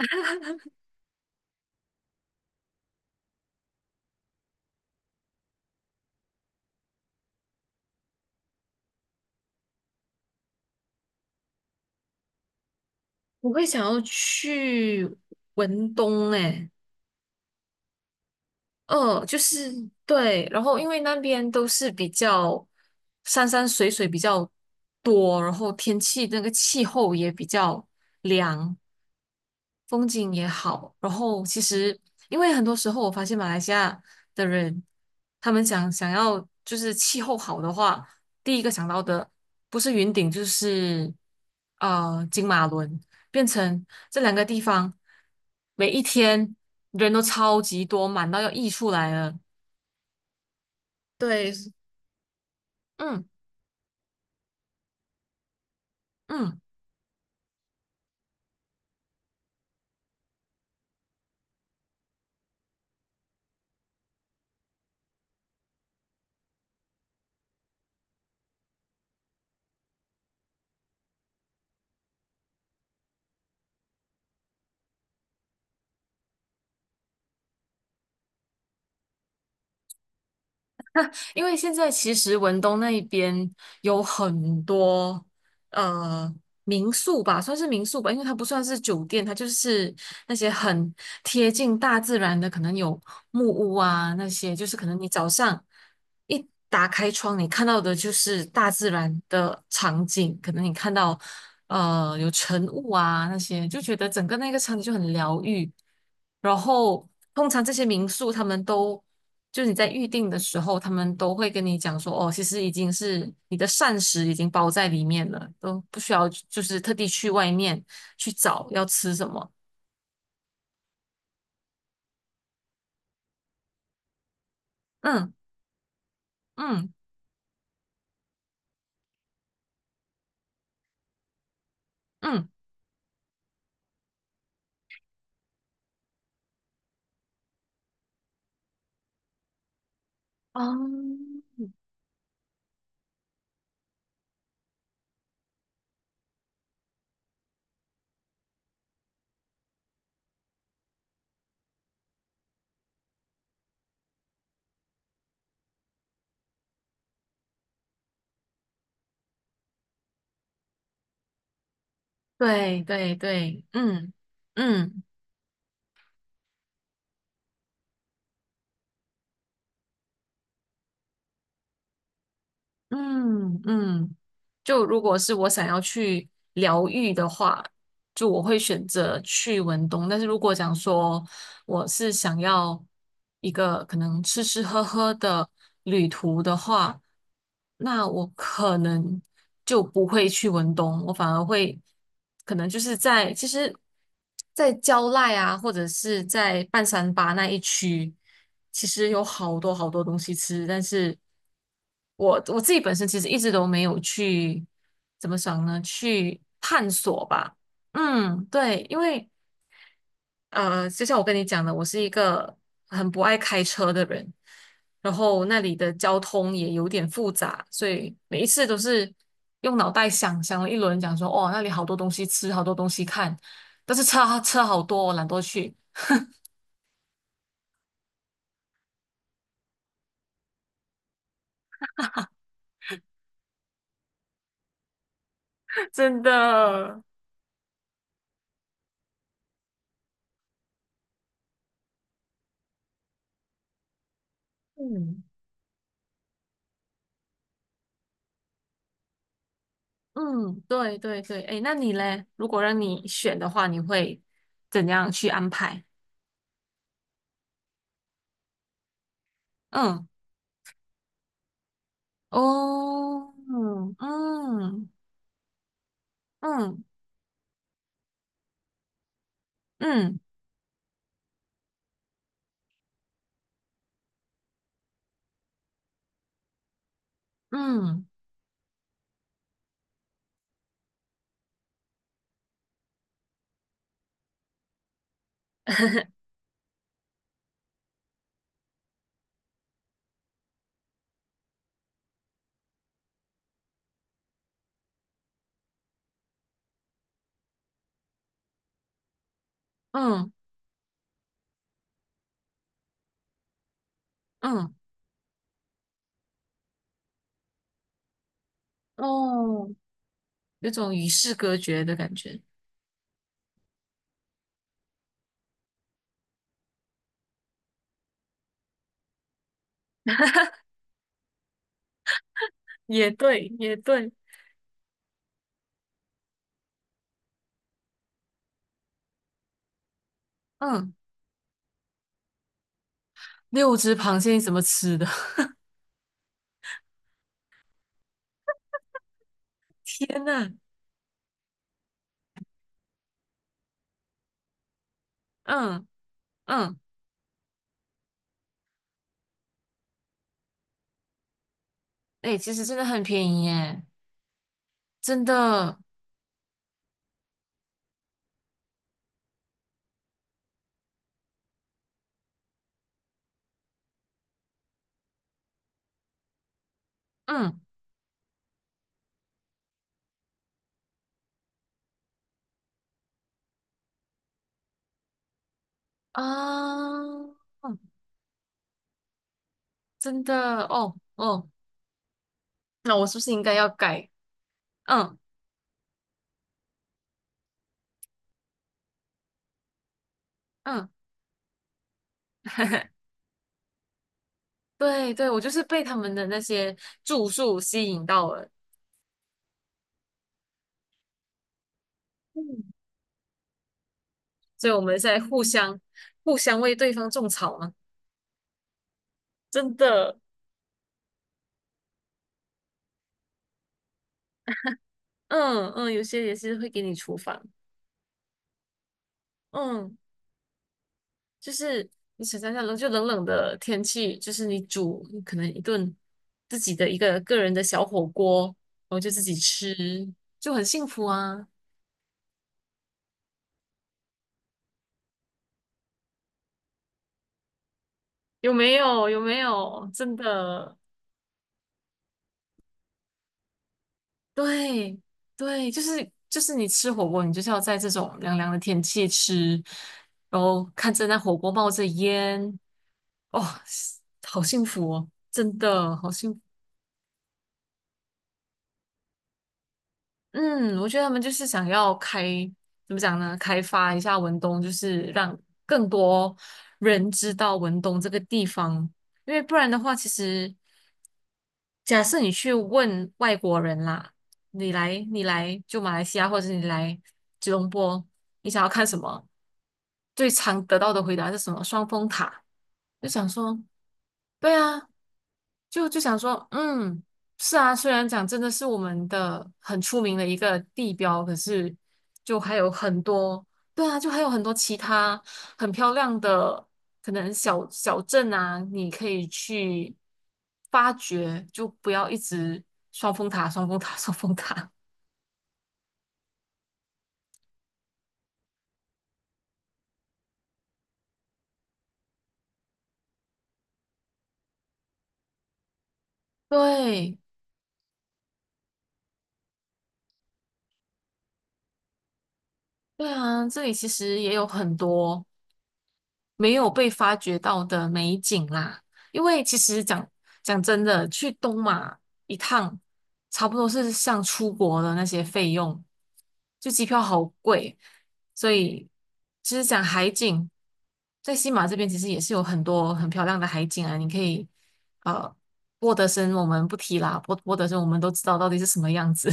我会想要去文东诶，就是对，然后因为那边都是比较山山水水比较多，然后天气那个气候也比较凉，风景也好。然后其实因为很多时候我发现马来西亚的人，他们想要就是气候好的话，第一个想到的不是云顶就是金马伦。变成这两个地方每一天人都超级多，满到要溢出来了。对，嗯嗯。因为现在其实文东那一边有很多呃民宿吧，算是民宿吧，因为它不算是酒店，它就是那些很贴近大自然的，可能有木屋啊那些，就是可能你早上一打开窗，你看到的就是大自然的场景，可能你看到有晨雾啊那些，就觉得整个那个场景就很疗愈。然后通常这些民宿他们都就你在预定的时候，他们都会跟你讲说，哦，其实已经是你的膳食已经包在里面了，都不需要就是特地去外面去找要吃什么。嗯嗯嗯，对对对，嗯嗯嗯嗯，就如果是我想要去疗愈的话，就我会选择去文东，但是如果讲说我是想要一个可能吃吃喝喝的旅途的话，那我可能就不会去文东，我反而会可能就是在其实，在蕉赖啊，或者是在半山巴那一区，其实有好多好多东西吃，但是我自己本身其实一直都没有去怎么想呢？去探索吧。嗯，对，因为就像我跟你讲的，我是一个很不爱开车的人，然后那里的交通也有点复杂，所以每一次都是用脑袋想想了一轮，讲说哦，那里好多东西吃，好多东西看，但是车车好多，我懒得去。真的。嗯嗯，对对对，哎，那你嘞？如果让你选的话，你会怎样去安排？嗯，哦，嗯嗯嗯嗯嗯。嗯 嗯，哦，有种与世隔绝的感觉。也对，也对，嗯，六只螃蟹你怎么吃的？天呐，嗯嗯，哎、其实真的很便宜耶，真的，嗯啊，嗯真的，哦哦，那我是不是应该要改？嗯嗯，对对，我就是被他们的那些住宿吸引到了，嗯，所以我们在互相互相为对方种草嘛。真的。嗯嗯，有些也是会给你厨房，嗯，就是你想象一下冷，就冷冷的天气，就是你煮你可能一顿自己的一个个人的小火锅，然后就自己吃，就很幸福啊，有没有？有没有？真的，对对，就是就是你吃火锅，你就是要在这种凉凉的天气吃，然后看着那火锅冒着烟，哦，好幸福哦，真的好幸福。嗯，我觉得他们就是想要开，怎么讲呢？开发一下文东，就是让更多人知道文东这个地方。因为不然的话，其实假设你去问外国人啦，你来你来就马来西亚，或者是你来吉隆坡，你想要看什么？最常得到的回答是什么？双峰塔。就想说对啊，就就想说，嗯，是啊，虽然讲真的是我们的很出名的一个地标，可是就还有很多，对啊，就还有很多其他很漂亮的可能小小镇啊，你可以去发掘，就不要一直双峰塔、双峰塔、双峰塔。对，对啊，这里其实也有很多。没有被发掘到的美景啦。因为其实讲真的，去东马一趟，差不多是像出国的那些费用，就机票好贵，所以其实讲海景，在西马这边其实也是有很多很漂亮的海景啊，你可以呃。波德森我们不提啦，波德森我们都知道到底是什么样子。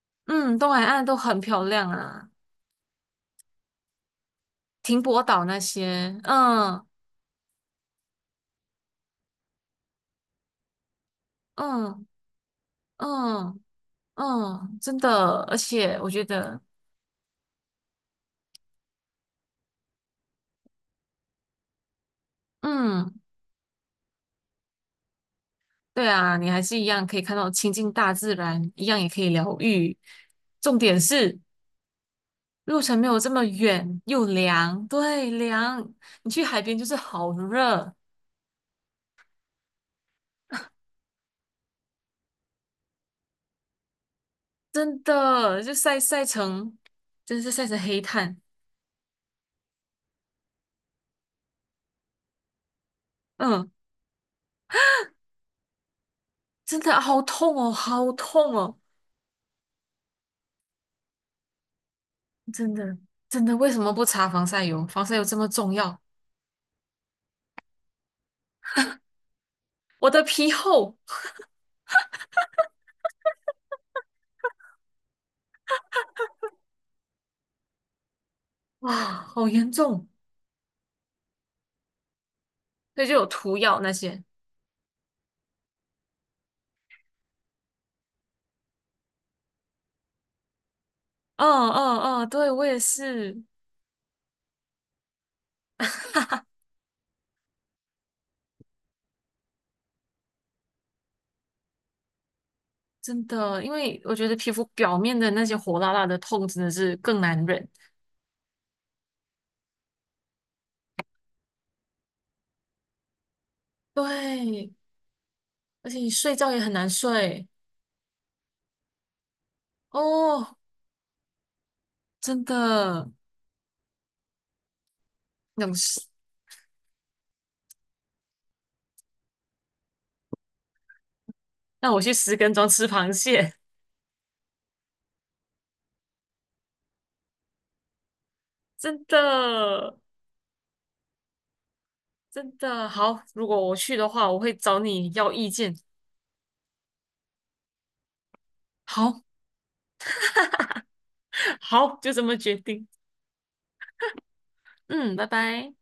嗯，东海岸都很漂亮啊，停泊岛那些，嗯嗯嗯。嗯，真的，而且我觉得，嗯，对啊，你还是一样可以看到亲近大自然，一样也可以疗愈。重点是路程没有这么远，又凉，对，凉。你去海边就是好热，真的，就晒晒成，真是晒成黑炭。嗯，真的好痛哦，好痛哦，真的，真的，为什么不擦防晒油？防晒油这么重要？我的皮厚，哇，好严重，所以就有涂药那些。嗯嗯嗯，对，我也是，真的，因为我觉得皮肤表面的那些火辣辣的痛真的是更难忍。对，而且你睡觉也很难睡哦，真的。那我去那我去石根庄吃螃蟹，真的真的好。如果我去的话，我会找你要意见。好，好，就这么决定。嗯，拜拜。